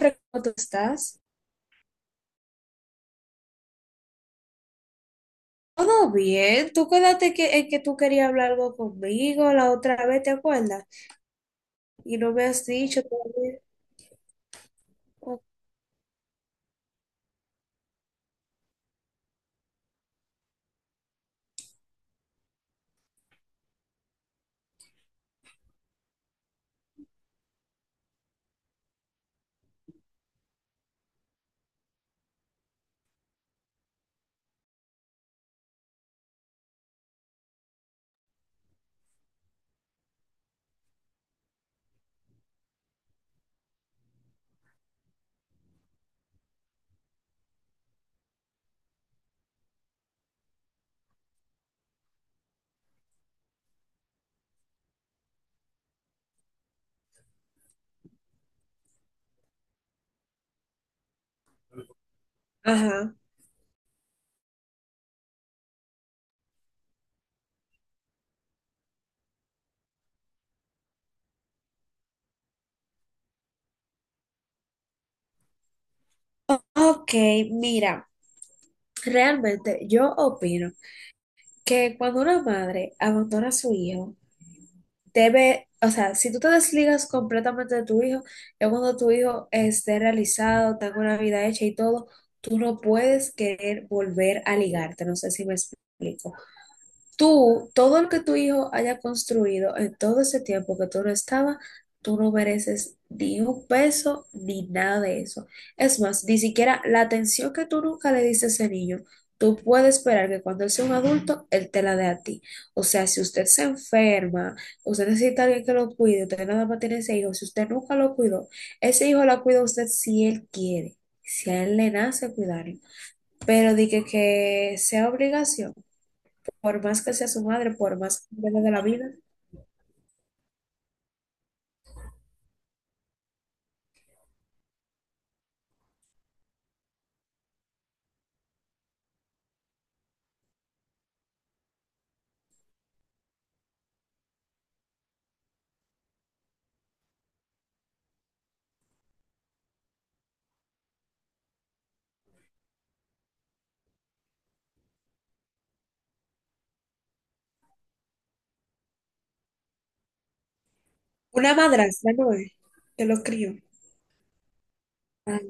¿Cómo tú estás? Todo bien. Tú quédate que, en que tú querías hablar algo conmigo la otra vez, ¿te acuerdas? Y no me has dicho todavía. Ok. Ajá. Ok, mira, realmente yo opino que cuando una madre abandona a su hijo, debe, o sea, si tú te desligas completamente de tu hijo, ya cuando tu hijo esté realizado, tenga una vida hecha y todo, tú no puedes querer volver a ligarte. No sé si me explico. Tú, todo lo que tu hijo haya construido en todo ese tiempo que tú no estabas, tú no mereces ni un peso ni nada de eso. Es más, ni siquiera la atención que tú nunca le diste a ese niño, tú puedes esperar que cuando él sea un adulto, él te la dé a ti. O sea, si usted se enferma, usted necesita a alguien que lo cuide, usted nada más tiene ese hijo, si usted nunca lo cuidó, ese hijo lo cuida usted si él quiere, si a él le nace cuidarlo. Pero de que sea obligación, por más que sea su madre, por más que venga de la vida. Una madrastra, no es, que lo crió. Ay.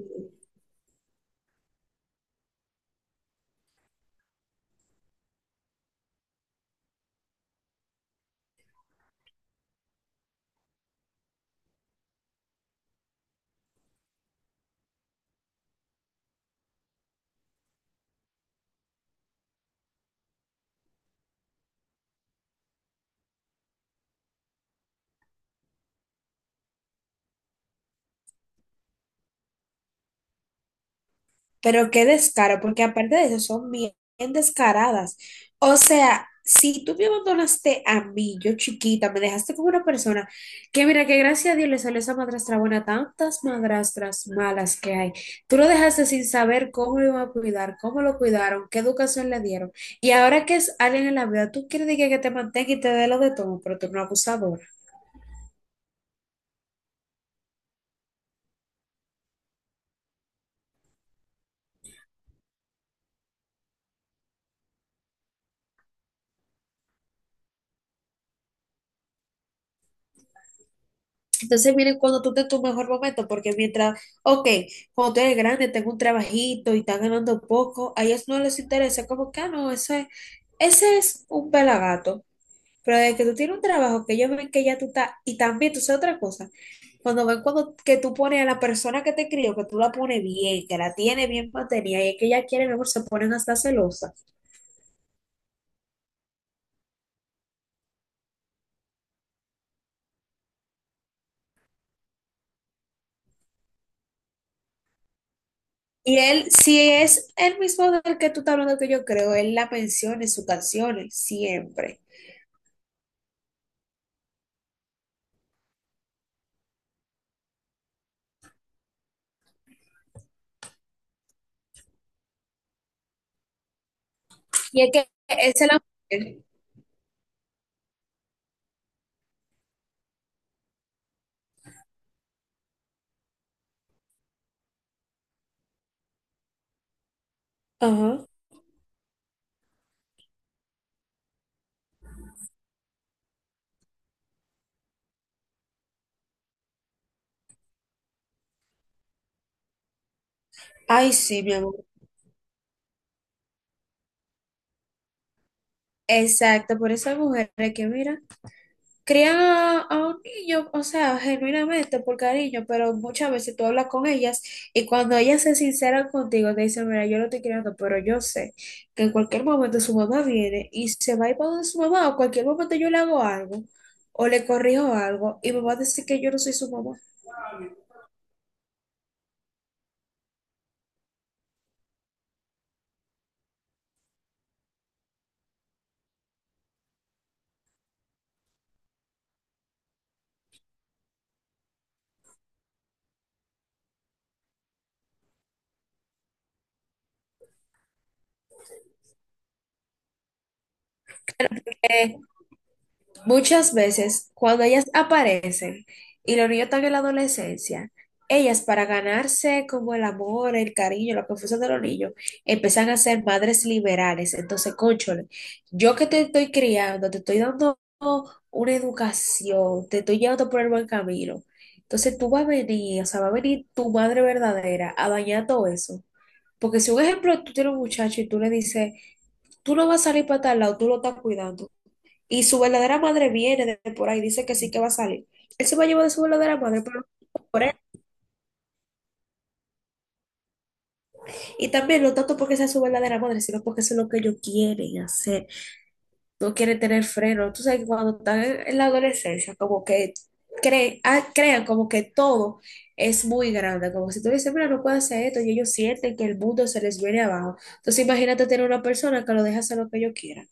Pero qué descaro, porque aparte de eso son bien descaradas. O sea, si tú me abandonaste a mí, yo chiquita, me dejaste con una persona que mira que gracias a Dios le salió esa madrastra buena, tantas madrastras malas que hay. Tú lo dejaste sin saber cómo lo iban a cuidar, cómo lo cuidaron, qué educación le dieron. Y ahora que es alguien en la vida, tú quieres decir que te mantenga y te dé lo de todo, pero tú no eres una abusadora. Entonces miren cuando tú estés en tu mejor momento, porque mientras, ok, cuando tú eres grande, tengo un trabajito y estás ganando poco, a ellos no les interesa, como que, ah, no, ese es un pelagato. Pero de que tú tienes un trabajo que ellos ven que ya tú estás, y también tú sabes otra cosa, cuando ven cuando que tú pones a la persona que te crió, que tú la pones bien, que la tiene bien mantenida, y es que ella quiere mejor, se ponen hasta celosa. Y él, si es el mismo del que tú estás hablando que yo creo, él la menciona en sus canciones, siempre. Y es que esa es la mujer. Ajá. Ay, sí, mi amor. Exacto, por esas mujeres que, mira, crían a un niño, o sea, genuinamente por cariño, pero muchas veces tú hablas con ellas y cuando ellas se sinceran contigo, te dicen, mira, yo lo estoy criando, pero yo sé que en cualquier momento su mamá viene y se va a ir para donde su mamá, o cualquier momento yo le hago algo, o le corrijo algo, y me va a decir que yo no soy su mamá. Eh, Muchas veces, cuando ellas aparecen y los niños están en la adolescencia, ellas para ganarse como el amor, el cariño, la confusión de los niños, empiezan a ser madres liberales. Entonces, cónchole, yo que te estoy criando, te estoy dando una educación, te estoy llevando por el buen camino. Entonces tú vas a venir, o sea, va a venir tu madre verdadera a dañar todo eso. Porque si un ejemplo, tú tienes un muchacho y tú le dices, tú no vas a salir para tal lado, tú lo estás cuidando. Y su verdadera madre viene de por ahí, dice que sí que va a salir. Él se va a llevar de su verdadera madre, pero no por él. Y también, no tanto porque sea su verdadera madre, sino porque eso es lo que ellos quieren hacer. No quieren tener freno. Tú sabes que cuando están en la adolescencia, como que creen, ah, crean como que todo es muy grande. Como si tú le dices, mira, no puedo hacer esto, y ellos sienten que el mundo se les viene abajo. Entonces, imagínate tener una persona que lo deja hacer lo que ellos quieran.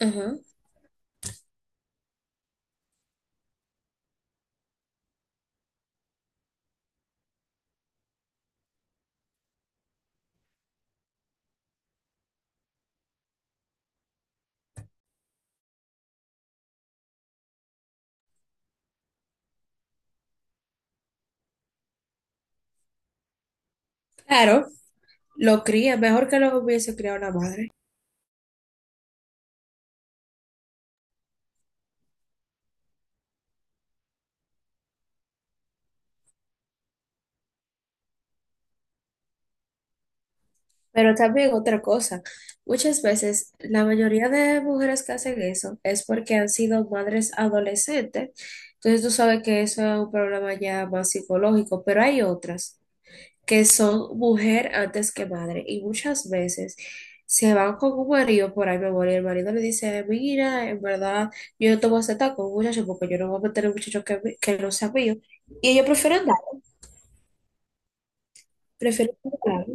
Ajá. Claro, lo cría, mejor que lo hubiese criado una madre. Pero también otra cosa, muchas veces la mayoría de mujeres que hacen eso es porque han sido madres adolescentes, entonces tú sabes que eso es un problema ya más psicológico, pero hay otras que son mujer antes que madre y muchas veces se van con un marido por ahí, mi amor, y el marido le dice, mira, en verdad yo no te voy a aceptar con un muchacho porque yo no voy a meter a un muchacho que no sea mío. Y ellos prefieren dar, prefieren dar.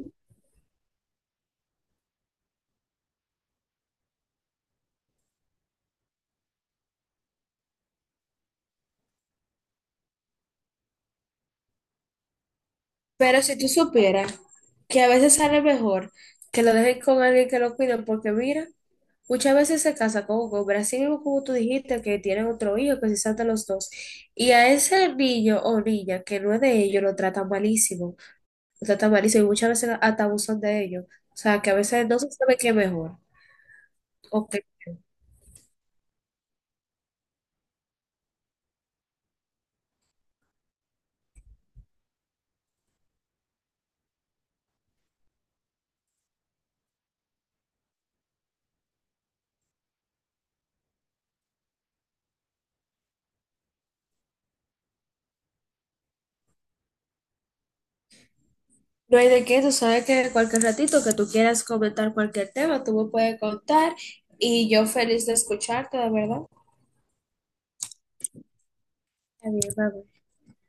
Pero si tú supieras que a veces sale mejor que lo dejes con alguien que lo cuide, porque mira, muchas veces se casa con un hombre, así mismo como tú dijiste que tienen otro hijo, que se saltan los dos, y a ese niño o niña que no es de ellos lo tratan malísimo y muchas veces hasta abusan de ellos. O sea, que a veces no se sabe qué es mejor. Ok. No hay de qué, tú sabes que cualquier ratito que tú quieras comentar cualquier tema, tú me puedes contar y yo feliz de escucharte, de verdad. Está bien, bye, bye.